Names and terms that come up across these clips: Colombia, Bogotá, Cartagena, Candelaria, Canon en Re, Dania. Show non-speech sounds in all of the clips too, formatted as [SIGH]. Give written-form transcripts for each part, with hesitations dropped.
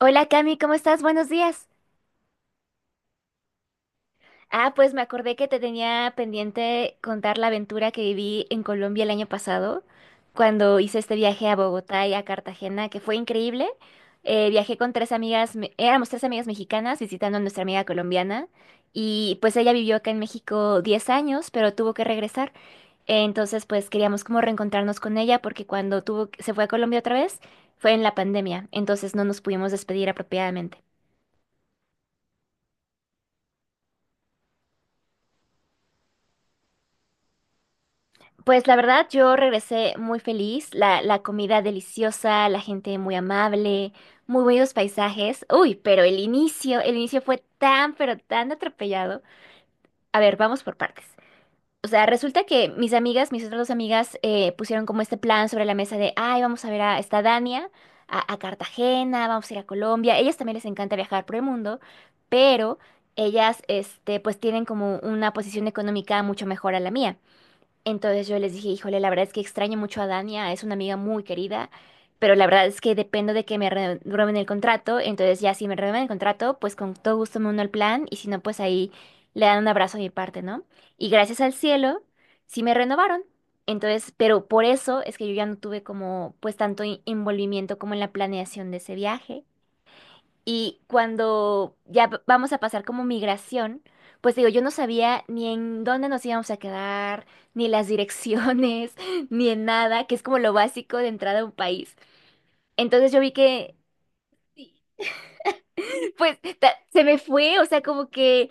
Hola Cami, ¿cómo estás? Buenos días. Ah, pues me acordé que te tenía pendiente contar la aventura que viví en Colombia el año pasado, cuando hice este viaje a Bogotá y a Cartagena, que fue increíble. Viajé con tres amigas, éramos tres amigas mexicanas visitando a nuestra amiga colombiana y pues ella vivió acá en México 10 años, pero tuvo que regresar. Entonces pues queríamos como reencontrarnos con ella porque cuando tuvo, se fue a Colombia otra vez fue en la pandemia, entonces no nos pudimos despedir apropiadamente. Pues la verdad, yo regresé muy feliz, la comida deliciosa, la gente muy amable, muy buenos paisajes. Uy, pero el inicio fue tan, pero tan atropellado. A ver, vamos por partes. O sea, resulta que mis amigas, mis otras dos amigas, pusieron como este plan sobre la mesa de, ay, vamos a ver a esta Dania, a Cartagena, vamos a ir a Colombia. Ellas también les encanta viajar por el mundo, pero ellas, pues tienen como una posición económica mucho mejor a la mía. Entonces yo les dije, híjole, la verdad es que extraño mucho a Dania, es una amiga muy querida, pero la verdad es que dependo de que me renueven el contrato, entonces ya si me renuevan el contrato, pues con todo gusto me uno al plan y si no, pues ahí le dan un abrazo a mi parte, ¿no? Y gracias al cielo, sí me renovaron. Entonces, pero por eso es que yo ya no tuve como pues tanto envolvimiento como en la planeación de ese viaje. Y cuando ya vamos a pasar como migración, pues digo, yo no sabía ni en dónde nos íbamos a quedar, ni las direcciones, [LAUGHS] ni en nada, que es como lo básico de entrada a un país. Entonces yo vi que, pues, se me fue, o sea, como que,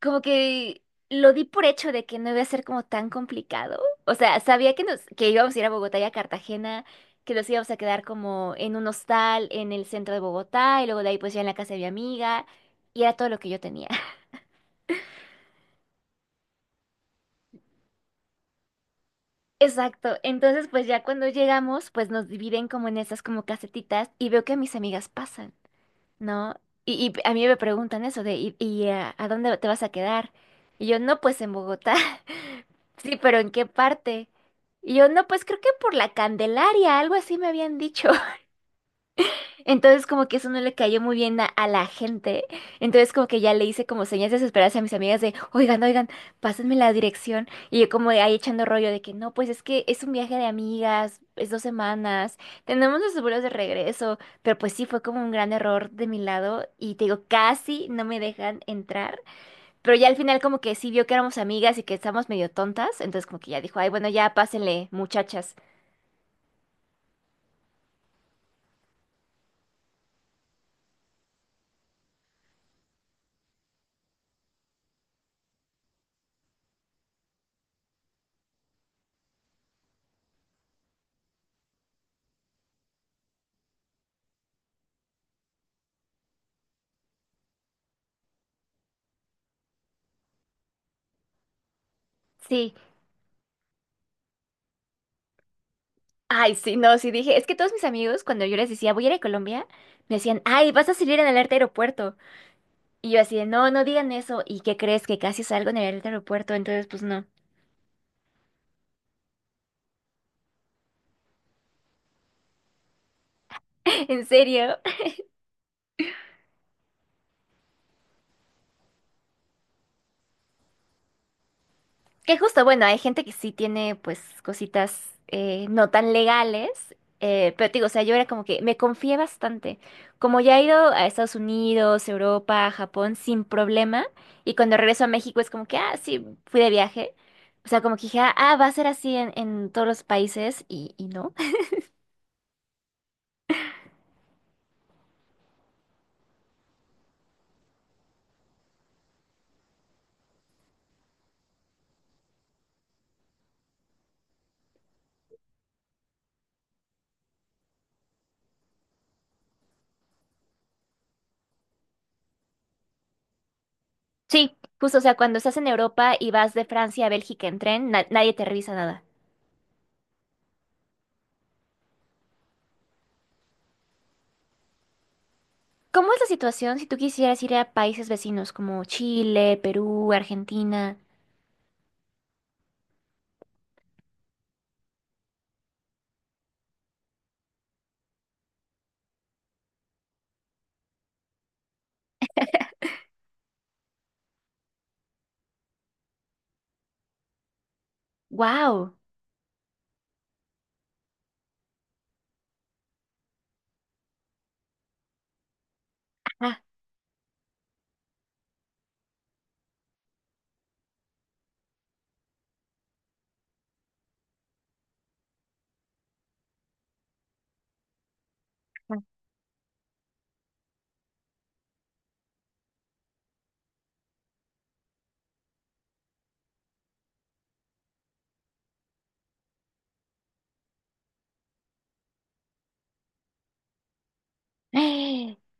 como que lo di por hecho de que no iba a ser como tan complicado. O sea, sabía que nos, que íbamos a ir a Bogotá y a Cartagena, que nos íbamos a quedar como en un hostal en el centro de Bogotá, y luego de ahí pues ya en la casa de mi amiga, y era todo lo que yo tenía. Exacto. Entonces, pues ya cuando llegamos, pues nos dividen como en esas como casetitas y veo que a mis amigas pasan, ¿no? Y a mí me preguntan eso de, ¿y a dónde te vas a quedar? Y yo, no, pues en Bogotá. [LAUGHS] Sí, pero ¿en qué parte? Y yo, no, pues creo que por la Candelaria, algo así me habían dicho. Entonces como que eso no le cayó muy bien a la gente. Entonces como que ya le hice como señas desesperadas a mis amigas de, oigan, oigan, pásenme la dirección. Y yo como ahí echando rollo de que no, pues es que es un viaje de amigas, es 2 semanas, tenemos los seguros de regreso. Pero pues sí, fue como un gran error de mi lado y te digo, casi no me dejan entrar. Pero ya al final como que sí vio que éramos amigas y que estábamos medio tontas. Entonces como que ya dijo, ay, bueno, ya pásenle, muchachas. Sí. Ay, sí, no, sí dije, es que todos mis amigos cuando yo les decía, voy a ir a Colombia, me decían, ay, vas a salir en el alerta aeropuerto. Y yo así, de, no, no digan eso. ¿Y qué crees que casi salgo en el alerta aeropuerto? Entonces, pues no. [LAUGHS] En serio. Que justo, bueno, hay gente que sí tiene pues cositas no tan legales, pero te digo, o sea, yo era como que me confié bastante. Como ya he ido a Estados Unidos, Europa, Japón sin problema, y cuando regreso a México es como que, ah, sí, fui de viaje. O sea, como que dije, ah, va a ser así en todos los países y no. [LAUGHS] Sí, justo, o sea, cuando estás en Europa y vas de Francia a Bélgica en tren, nadie te revisa nada. ¿Cómo es la situación si tú quisieras ir a países vecinos como Chile, Perú, Argentina? Wow.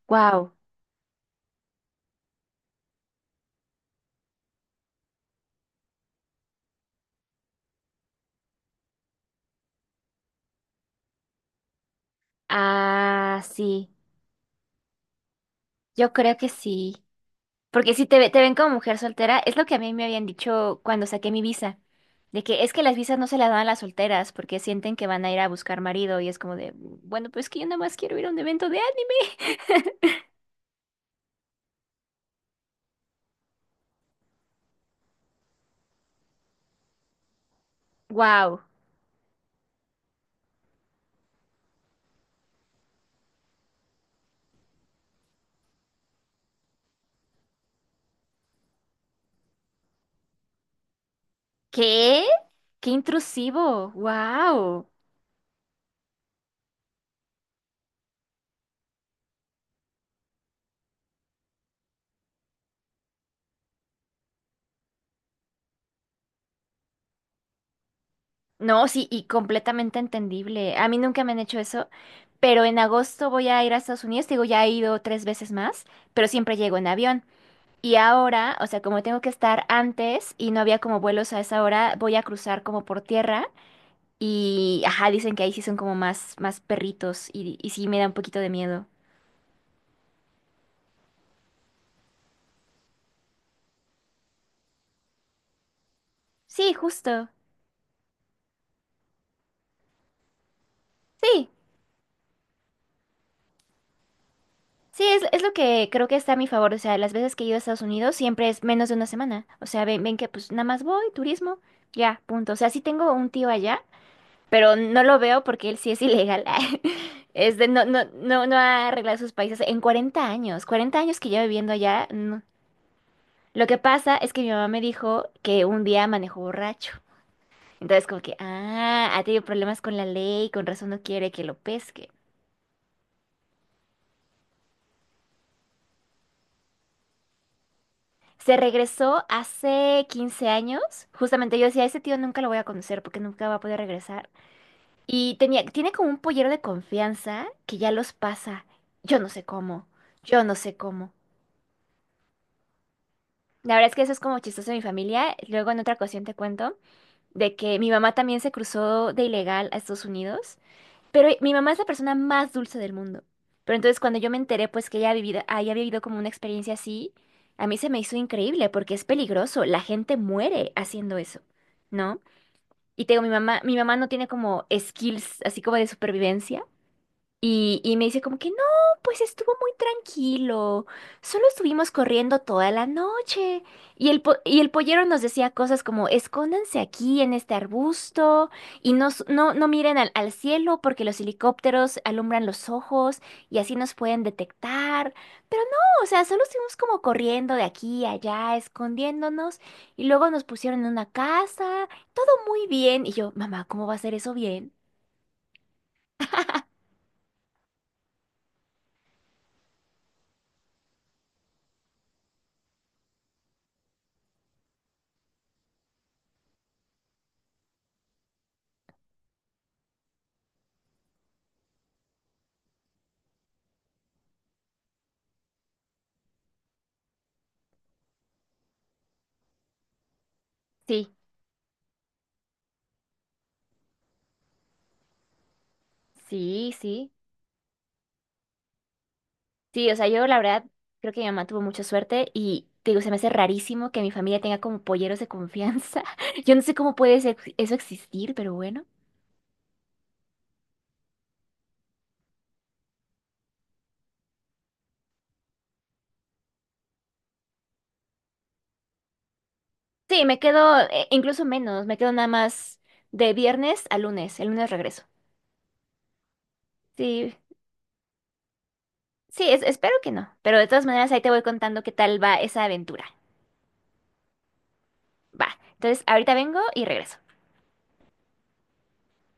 Wow. Ah, [GASPS] sí. Yo creo que sí. Porque si te, te ven como mujer soltera, es lo que a mí me habían dicho cuando saqué mi visa. De que es que las visas no se las dan a las solteras porque sienten que van a ir a buscar marido y es como de, bueno, pues que yo nada más quiero ir a un evento de anime. [LAUGHS] Wow. ¿Qué? ¡Qué intrusivo! Wow. No, sí, y completamente entendible. A mí nunca me han hecho eso, pero en agosto voy a ir a Estados Unidos. Digo, ya he ido tres veces más, pero siempre llego en avión. Y ahora, o sea, como tengo que estar antes y no había como vuelos a esa hora, voy a cruzar como por tierra y, ajá, dicen que ahí sí son como más, más perritos y sí me da un poquito de miedo. Sí, justo. Sí, sí, es lo que creo que está a mi favor. O sea, las veces que he ido a Estados Unidos siempre es menos de una semana. O sea, ven, ven que pues nada más voy, turismo, ya, punto. O sea, sí tengo un tío allá, pero no lo veo porque él sí es ilegal. [LAUGHS] Es de, no, no, no, no ha arreglado sus países en 40 años. 40 años que llevo viviendo allá. No. Lo que pasa es que mi mamá me dijo que un día manejó borracho. Entonces, como que, ah, ha tenido problemas con la ley, con razón no quiere que lo pesque. Se regresó hace 15 años. Justamente yo decía, ese tío nunca lo voy a conocer porque nunca va a poder regresar. Y tenía, tiene como un pollero de confianza que ya los pasa. Yo no sé cómo. Yo no sé cómo. La verdad es que eso es como chistoso de mi familia. Luego en otra ocasión te cuento de que mi mamá también se cruzó de ilegal a Estados Unidos. Pero mi mamá es la persona más dulce del mundo. Pero entonces cuando yo me enteré pues que ella ha vivido, había vivido como una experiencia así, a mí se me hizo increíble porque es peligroso, la gente muere haciendo eso, ¿no? Y tengo mi mamá no tiene como skills así como de supervivencia, y me dice como que no, pues estuvo muy tranquilo, solo estuvimos corriendo toda la noche. Y el pollero nos decía cosas como escóndanse aquí en este arbusto y no, no, no miren al, al cielo porque los helicópteros alumbran los ojos y así nos pueden detectar. Pero no, o sea, solo estuvimos como corriendo de aquí a allá, escondiéndonos y luego nos pusieron en una casa, todo muy bien. Y yo, mamá, ¿cómo va a ser eso bien? Sí, sí, sí. Sí, o sea, yo la verdad creo que mi mamá tuvo mucha suerte y te digo, se me hace rarísimo que mi familia tenga como polleros de confianza. [LAUGHS] Yo no sé cómo puede eso existir, pero bueno. Sí, me quedo incluso menos, me quedo nada más de viernes a lunes, el lunes regreso. Sí, sí, espero que no, pero de todas maneras ahí te voy contando qué tal va esa aventura. Va, entonces ahorita vengo y regreso.